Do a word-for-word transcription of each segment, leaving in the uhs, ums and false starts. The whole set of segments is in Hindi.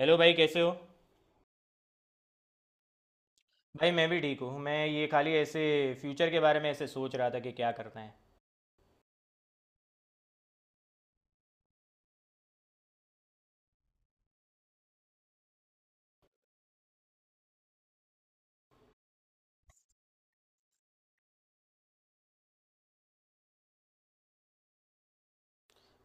हेलो भाई, कैसे हो? भाई, मैं भी ठीक हूँ। मैं ये खाली ऐसे फ्यूचर के बारे में ऐसे सोच रहा था कि क्या करना है।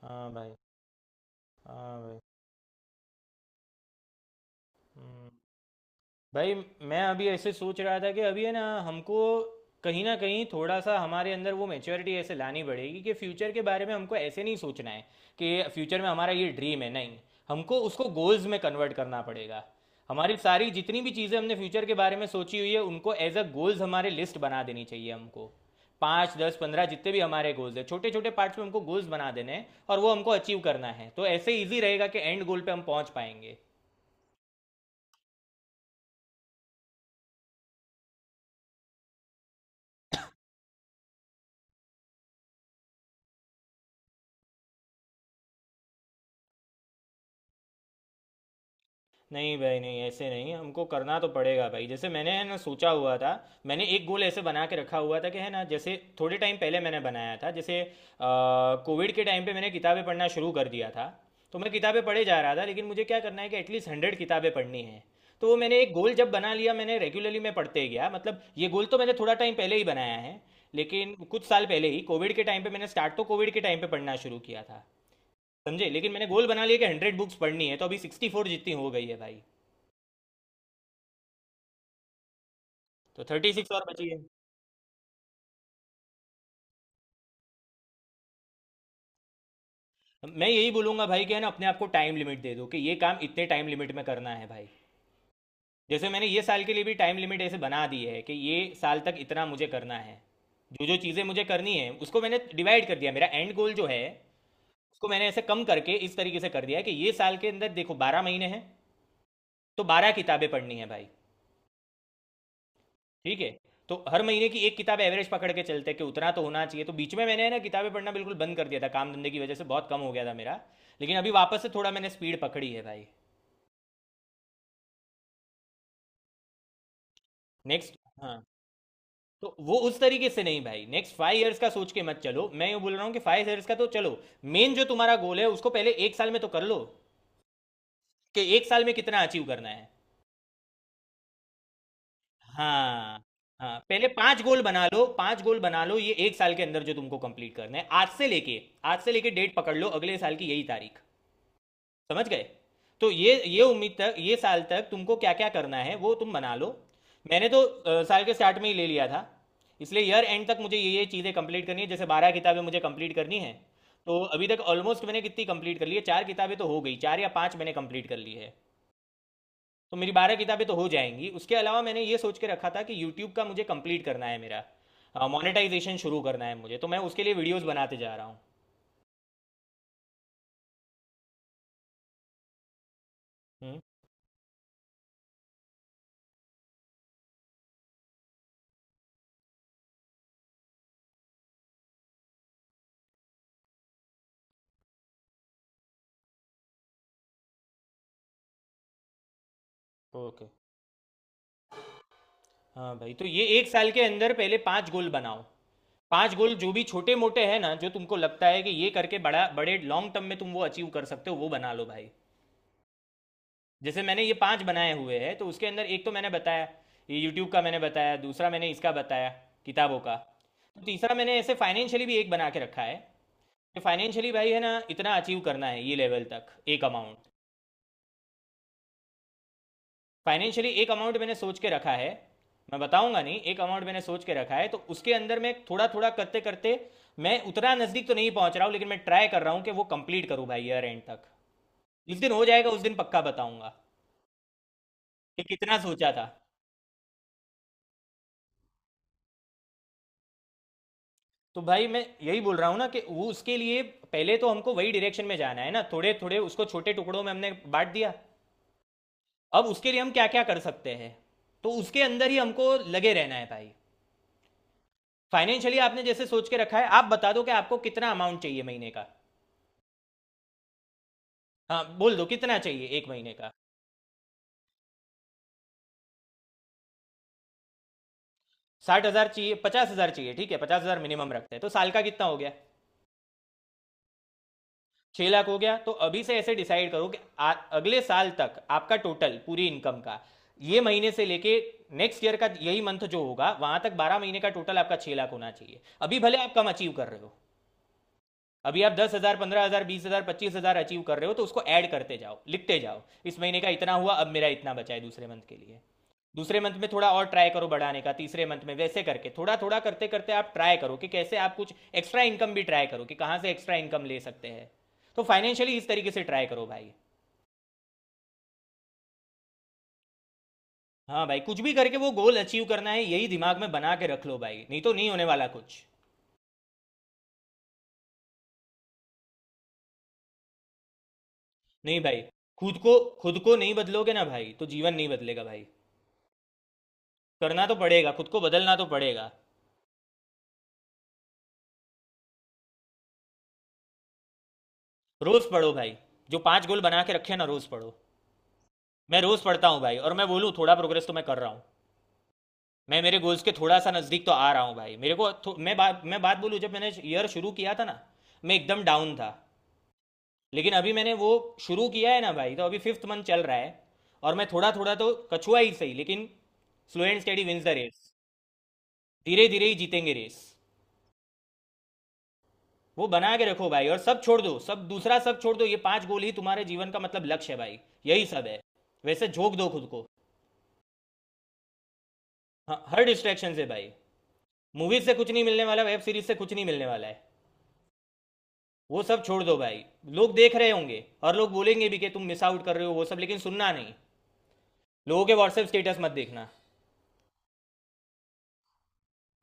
हाँ भाई। हाँ भाई। हम्म, भाई, मैं अभी ऐसे सोच रहा था कि अभी है ना हमको कहीं ना कहीं थोड़ा सा हमारे अंदर वो मेच्योरिटी ऐसे लानी पड़ेगी कि फ्यूचर के बारे में हमको ऐसे नहीं सोचना है कि फ्यूचर में हमारा ये ड्रीम है। नहीं, हमको उसको गोल्स में कन्वर्ट करना पड़ेगा। हमारी सारी जितनी भी चीज़ें हमने फ्यूचर के बारे में सोची हुई है उनको एज अ गोल्स हमारे लिस्ट बना देनी चाहिए हमको। पाँच, दस, पंद्रह, जितने भी हमारे गोल्स है, छोटे छोटे पार्ट्स में हमको गोल्स बना देने हैं और वो हमको अचीव करना है, तो ऐसे इजी रहेगा कि एंड गोल पे हम पहुंच पाएंगे। नहीं भाई, नहीं ऐसे नहीं, हमको करना तो पड़ेगा भाई। जैसे मैंने है ना सोचा हुआ था, मैंने एक गोल ऐसे बना के रखा हुआ था कि है ना, जैसे थोड़े टाइम पहले मैंने बनाया था। जैसे कोविड के टाइम पे मैंने किताबें पढ़ना शुरू कर दिया था, तो मैं किताबें पढ़े जा रहा था। लेकिन मुझे क्या करना है कि एटलीस्ट हंड्रेड किताबें पढ़नी है। तो वो मैंने एक गोल जब बना लिया, मैंने रेगुलरली मैं पढ़ते गया। मतलब ये गोल तो मैंने थोड़ा टाइम पहले ही बनाया है, लेकिन कुछ साल पहले ही कोविड के टाइम पे मैंने स्टार्ट, तो कोविड के टाइम पे पढ़ना शुरू किया था। समझे, लेकिन मैंने गोल बना लिया कि हंड्रेड बुक्स पढ़नी है, तो अभी सिक्सटी फोर जितनी हो गई है भाई। तो थर्टी सिक्स और बची है। मैं यही बोलूंगा भाई कि है ना, अपने आप को टाइम लिमिट दे दो कि ये काम इतने टाइम लिमिट में करना है भाई। जैसे मैंने ये साल के लिए भी टाइम लिमिट ऐसे बना दी है कि ये साल तक इतना मुझे करना है। जो जो चीज़ें मुझे करनी है उसको मैंने डिवाइड कर दिया। मेरा एंड गोल जो है उसको मैंने ऐसे कम करके इस तरीके से कर दिया है कि ये साल के अंदर देखो बारह महीने हैं, तो बारह किताबें पढ़नी है भाई। ठीक है, तो हर महीने की एक किताब एवरेज पकड़ के चलते हैं कि उतना तो होना चाहिए। तो बीच में मैंने है ना किताबें पढ़ना बिल्कुल बंद कर दिया था, काम धंधे की वजह से बहुत कम हो गया था मेरा। लेकिन अभी वापस से थोड़ा मैंने स्पीड पकड़ी है भाई। नेक्स्ट, हाँ, तो वो उस तरीके से नहीं भाई, नेक्स्ट फाइव इयर्स का सोच के मत चलो। मैं ये बोल रहा हूँ कि फाइव इयर्स का तो चलो, मेन जो तुम्हारा गोल है उसको पहले एक साल में तो कर लो, कि एक साल में कितना अचीव करना है। हाँ, हाँ, पहले पांच गोल बना लो। पांच गोल बना लो, ये एक साल के अंदर जो तुमको कंप्लीट करना है आज से लेके। आज से लेके डेट पकड़ लो, अगले साल की यही तारीख। समझ गए। तो ये ये उम्मीद तक, ये साल तक तुमको क्या क्या करना है वो तुम बना लो। मैंने तो अ, साल के स्टार्ट में ही ले लिया था। इसलिए ईयर एंड तक मुझे ये ये चीज़ें कंप्लीट करनी है, जैसे बारह किताबें मुझे कंप्लीट करनी है। तो अभी तक ऑलमोस्ट मैंने कितनी कंप्लीट कर ली है, चार किताबें तो हो गई, चार या पांच मैंने कंप्लीट कर ली है। तो मेरी बारह किताबें तो हो जाएंगी। उसके अलावा मैंने ये सोच के रखा था कि यूट्यूब का मुझे कंप्लीट करना है, मेरा मोनेटाइजेशन शुरू करना है मुझे, तो मैं उसके लिए वीडियोस बनाते जा रहा हूँ। ओके। हाँ भाई, तो ये एक साल के अंदर पहले पांच गोल बनाओ। पांच गोल जो भी छोटे मोटे हैं ना, जो तुमको लगता है कि ये करके बड़ा, बड़े लॉन्ग टर्म में तुम वो अचीव कर सकते हो, वो बना लो भाई। जैसे मैंने ये पांच बनाए हुए हैं, तो उसके अंदर एक तो मैंने बताया, ये यूट्यूब का मैंने बताया, दूसरा मैंने इसका बताया किताबों का। तो तीसरा मैंने ऐसे फाइनेंशियली भी एक बना के रखा है कि फाइनेंशियली भाई है ना, इतना अचीव करना है, ये लेवल तक, एक अमाउंट। फाइनेंशियली एक अमाउंट मैंने सोच के रखा है। मैं बताऊंगा नहीं, एक अमाउंट मैंने सोच के रखा है। तो उसके अंदर मैं थोड़ा थोड़ा करते करते, मैं उतना नजदीक तो नहीं पहुंच रहा हूं, लेकिन मैं ट्राई कर रहा हूं कि वो कंप्लीट करूं भाई ईयर एंड तक। जिस दिन हो जाएगा उस दिन पक्का बताऊंगा कि कितना सोचा था। तो भाई मैं यही बोल रहा हूँ ना कि वो उसके लिए पहले तो हमको वही डायरेक्शन में जाना है ना, थोड़े थोड़े उसको छोटे टुकड़ों में हमने बांट दिया। अब उसके लिए हम क्या क्या कर सकते हैं, तो उसके अंदर ही हमको लगे रहना है भाई। फाइनेंशियली आपने जैसे सोच के रखा है, आप बता दो कि आपको कितना अमाउंट चाहिए महीने का। हाँ, बोल दो कितना चाहिए एक महीने का। साठ हजार चाहिए, पचास हजार चाहिए, ठीक है, पचास हजार मिनिमम रखते हैं, तो साल का कितना हो गया? छह लाख हो गया। तो अभी से ऐसे डिसाइड करो कि आ, अगले साल तक आपका टोटल पूरी इनकम का ये महीने से लेके नेक्स्ट ईयर का यही मंथ जो होगा वहां तक बारह महीने का टोटल आपका छह लाख होना चाहिए। अभी भले आप कम अचीव कर रहे हो। अभी आप दस हजार, पंद्रह हजार, बीस हजार, पच्चीस हजार अचीव कर रहे हो, तो उसको ऐड करते जाओ, लिखते जाओ इस महीने का इतना हुआ, अब मेरा इतना बचा है दूसरे मंथ के लिए। दूसरे मंथ में थोड़ा और ट्राई करो बढ़ाने का, तीसरे मंथ में वैसे करके थोड़ा थोड़ा करते करते आप ट्राई करो कि कैसे आप कुछ एक्स्ट्रा इनकम भी ट्राई करो कि कहाँ से एक्स्ट्रा इनकम ले सकते हैं। तो फाइनेंशियली इस तरीके से ट्राई करो भाई। हाँ भाई, कुछ भी करके वो गोल अचीव करना है, यही दिमाग में बना के रख लो भाई, नहीं तो नहीं होने वाला कुछ। नहीं भाई, खुद को, खुद को नहीं बदलोगे ना भाई, तो जीवन नहीं बदलेगा भाई। करना तो पड़ेगा, खुद को बदलना तो पड़ेगा। रोज पढ़ो भाई। जो पांच गोल बना के रखे ना, रोज पढ़ो। मैं रोज पढ़ता हूँ भाई, और मैं बोलूँ थोड़ा प्रोग्रेस तो मैं कर रहा हूँ। मैं मेरे गोल्स के थोड़ा सा नज़दीक तो आ रहा हूँ भाई। मेरे को थो- मैं बात, मैं बात बोलूँ, जब मैंने ईयर शुरू किया था ना, मैं एकदम डाउन था। लेकिन अभी मैंने वो शुरू किया है ना भाई, तो अभी फिफ्थ मंथ चल रहा है, और मैं थोड़ा थोड़ा तो कछुआ ही सही, लेकिन slow and steady wins the race. धीरे धीरे ही जीतेंगे रेस। वो बना के रखो भाई और सब छोड़ दो, सब दूसरा सब छोड़ दो, ये पांच गोल ही तुम्हारे जीवन का मतलब लक्ष्य है भाई। यही सब है। वैसे झोंक दो खुद को। हाँ, हर डिस्ट्रैक्शन से भाई। मूवीज से कुछ नहीं मिलने वाला, वेब सीरीज से कुछ नहीं मिलने वाला है। वो सब छोड़ दो भाई। लोग देख रहे होंगे और लोग बोलेंगे भी कि तुम मिस आउट कर रहे हो वो सब, लेकिन सुनना नहीं। लोगों के व्हाट्सएप स्टेटस मत देखना।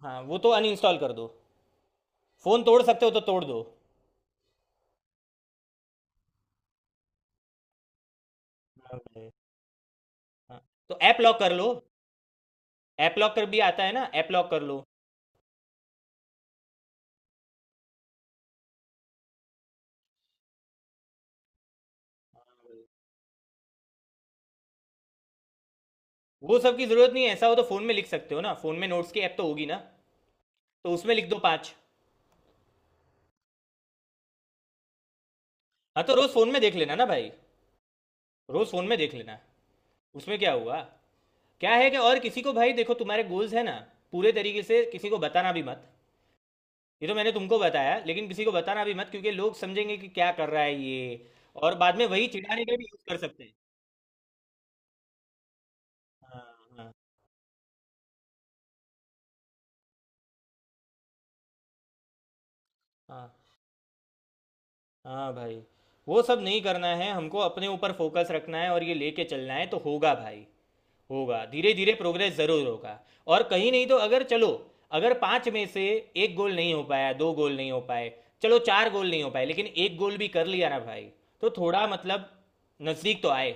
हाँ, वो तो अनइंस्टॉल कर दो। फ़ोन तोड़ सकते हो तो तोड़ दो। हाँ भाई। हाँ, तो ऐप लॉक कर लो। ऐप लॉक कर भी आता है ना, ऐप लॉक कर लो। वो सब की ज़रूरत नहीं है, ऐसा हो तो फ़ोन में लिख सकते हो ना, फ़ोन में नोट्स की ऐप तो होगी ना, तो उसमें लिख दो पाँच। हाँ, तो रोज़ फ़ोन में देख लेना ना भाई। रोज़ फ़ोन में देख लेना। उसमें क्या हुआ? क्या है कि, और किसी को, भाई देखो, तुम्हारे गोल्स है ना, पूरे तरीके से किसी को बताना भी मत। ये तो मैंने तुमको बताया, लेकिन किसी को बताना भी मत, क्योंकि लोग समझेंगे कि क्या कर रहा है ये। और बाद में वही चिढ़ाने के लिए भी यूज कर सकते हैं। हाँ। हाँ। हाँ, हाँ भाई, वो सब नहीं करना है, हमको अपने ऊपर फोकस रखना है और ये लेके चलना है, तो होगा भाई। होगा, धीरे धीरे प्रोग्रेस ज़रूर होगा। और कहीं नहीं तो, अगर चलो, अगर पाँच में से एक गोल नहीं हो पाया, दो गोल नहीं हो पाए, चलो चार गोल नहीं हो पाए, लेकिन एक गोल भी कर लिया ना भाई, तो थोड़ा मतलब नज़दीक तो आए।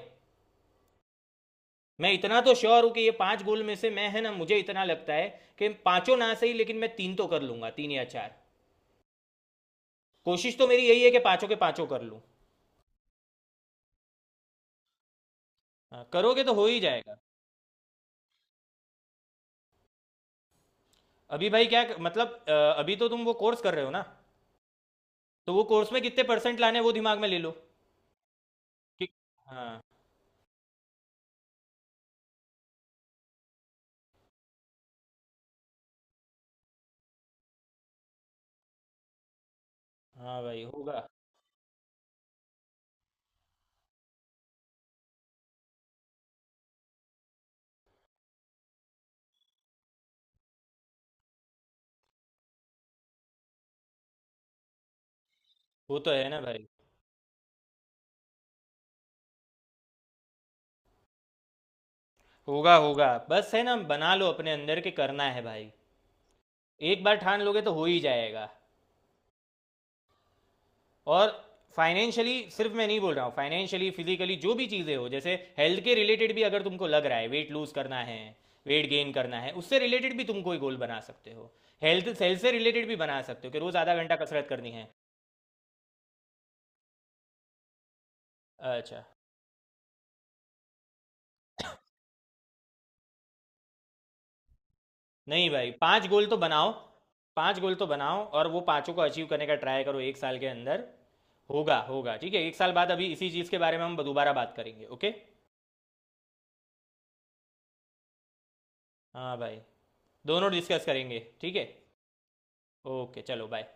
मैं इतना तो श्योर हूं कि ये पांच गोल में से मैं है ना, मुझे इतना लगता है कि पांचों ना सही, लेकिन मैं तीन तो कर लूंगा, तीन या चार। कोशिश तो मेरी यही है कि पांचों के पांचों कर लूं। हाँ, करोगे तो हो ही जाएगा। अभी भाई क्या मतलब अ, अभी तो तुम वो कोर्स कर रहे हो ना, तो वो कोर्स में कितने परसेंट लाने हैं, वो दिमाग में ले लो। कि- हाँ। हाँ भाई, होगा। वो तो है ना भाई। होगा, होगा, बस है ना, बना लो अपने अंदर के करना है भाई। एक बार ठान लोगे तो हो ही जाएगा। और फाइनेंशियली, सिर्फ मैं नहीं बोल रहा हूँ, फाइनेंशियली, फिजिकली, जो भी चीज़ें हो, जैसे हेल्थ के रिलेटेड भी अगर तुमको लग रहा है, वेट लूज करना है, वेट गेन करना है, उससे रिलेटेड भी तुम कोई गोल बना सकते हो। हेल्थ, हेल्थ से रिलेटेड भी बना सकते हो कि रोज़ आधा घंटा कसरत करनी है। अच्छा, नहीं भाई, पांच गोल तो बनाओ। पांच गोल तो बनाओ और वो पांचों को अचीव करने का ट्राई करो एक साल के अंदर। होगा, होगा, ठीक है, एक साल बाद अभी इसी चीज़ के बारे में हम दोबारा बात करेंगे, ओके। हाँ भाई, दोनों डिस्कस करेंगे, ठीक है। ओके, चलो, बाय।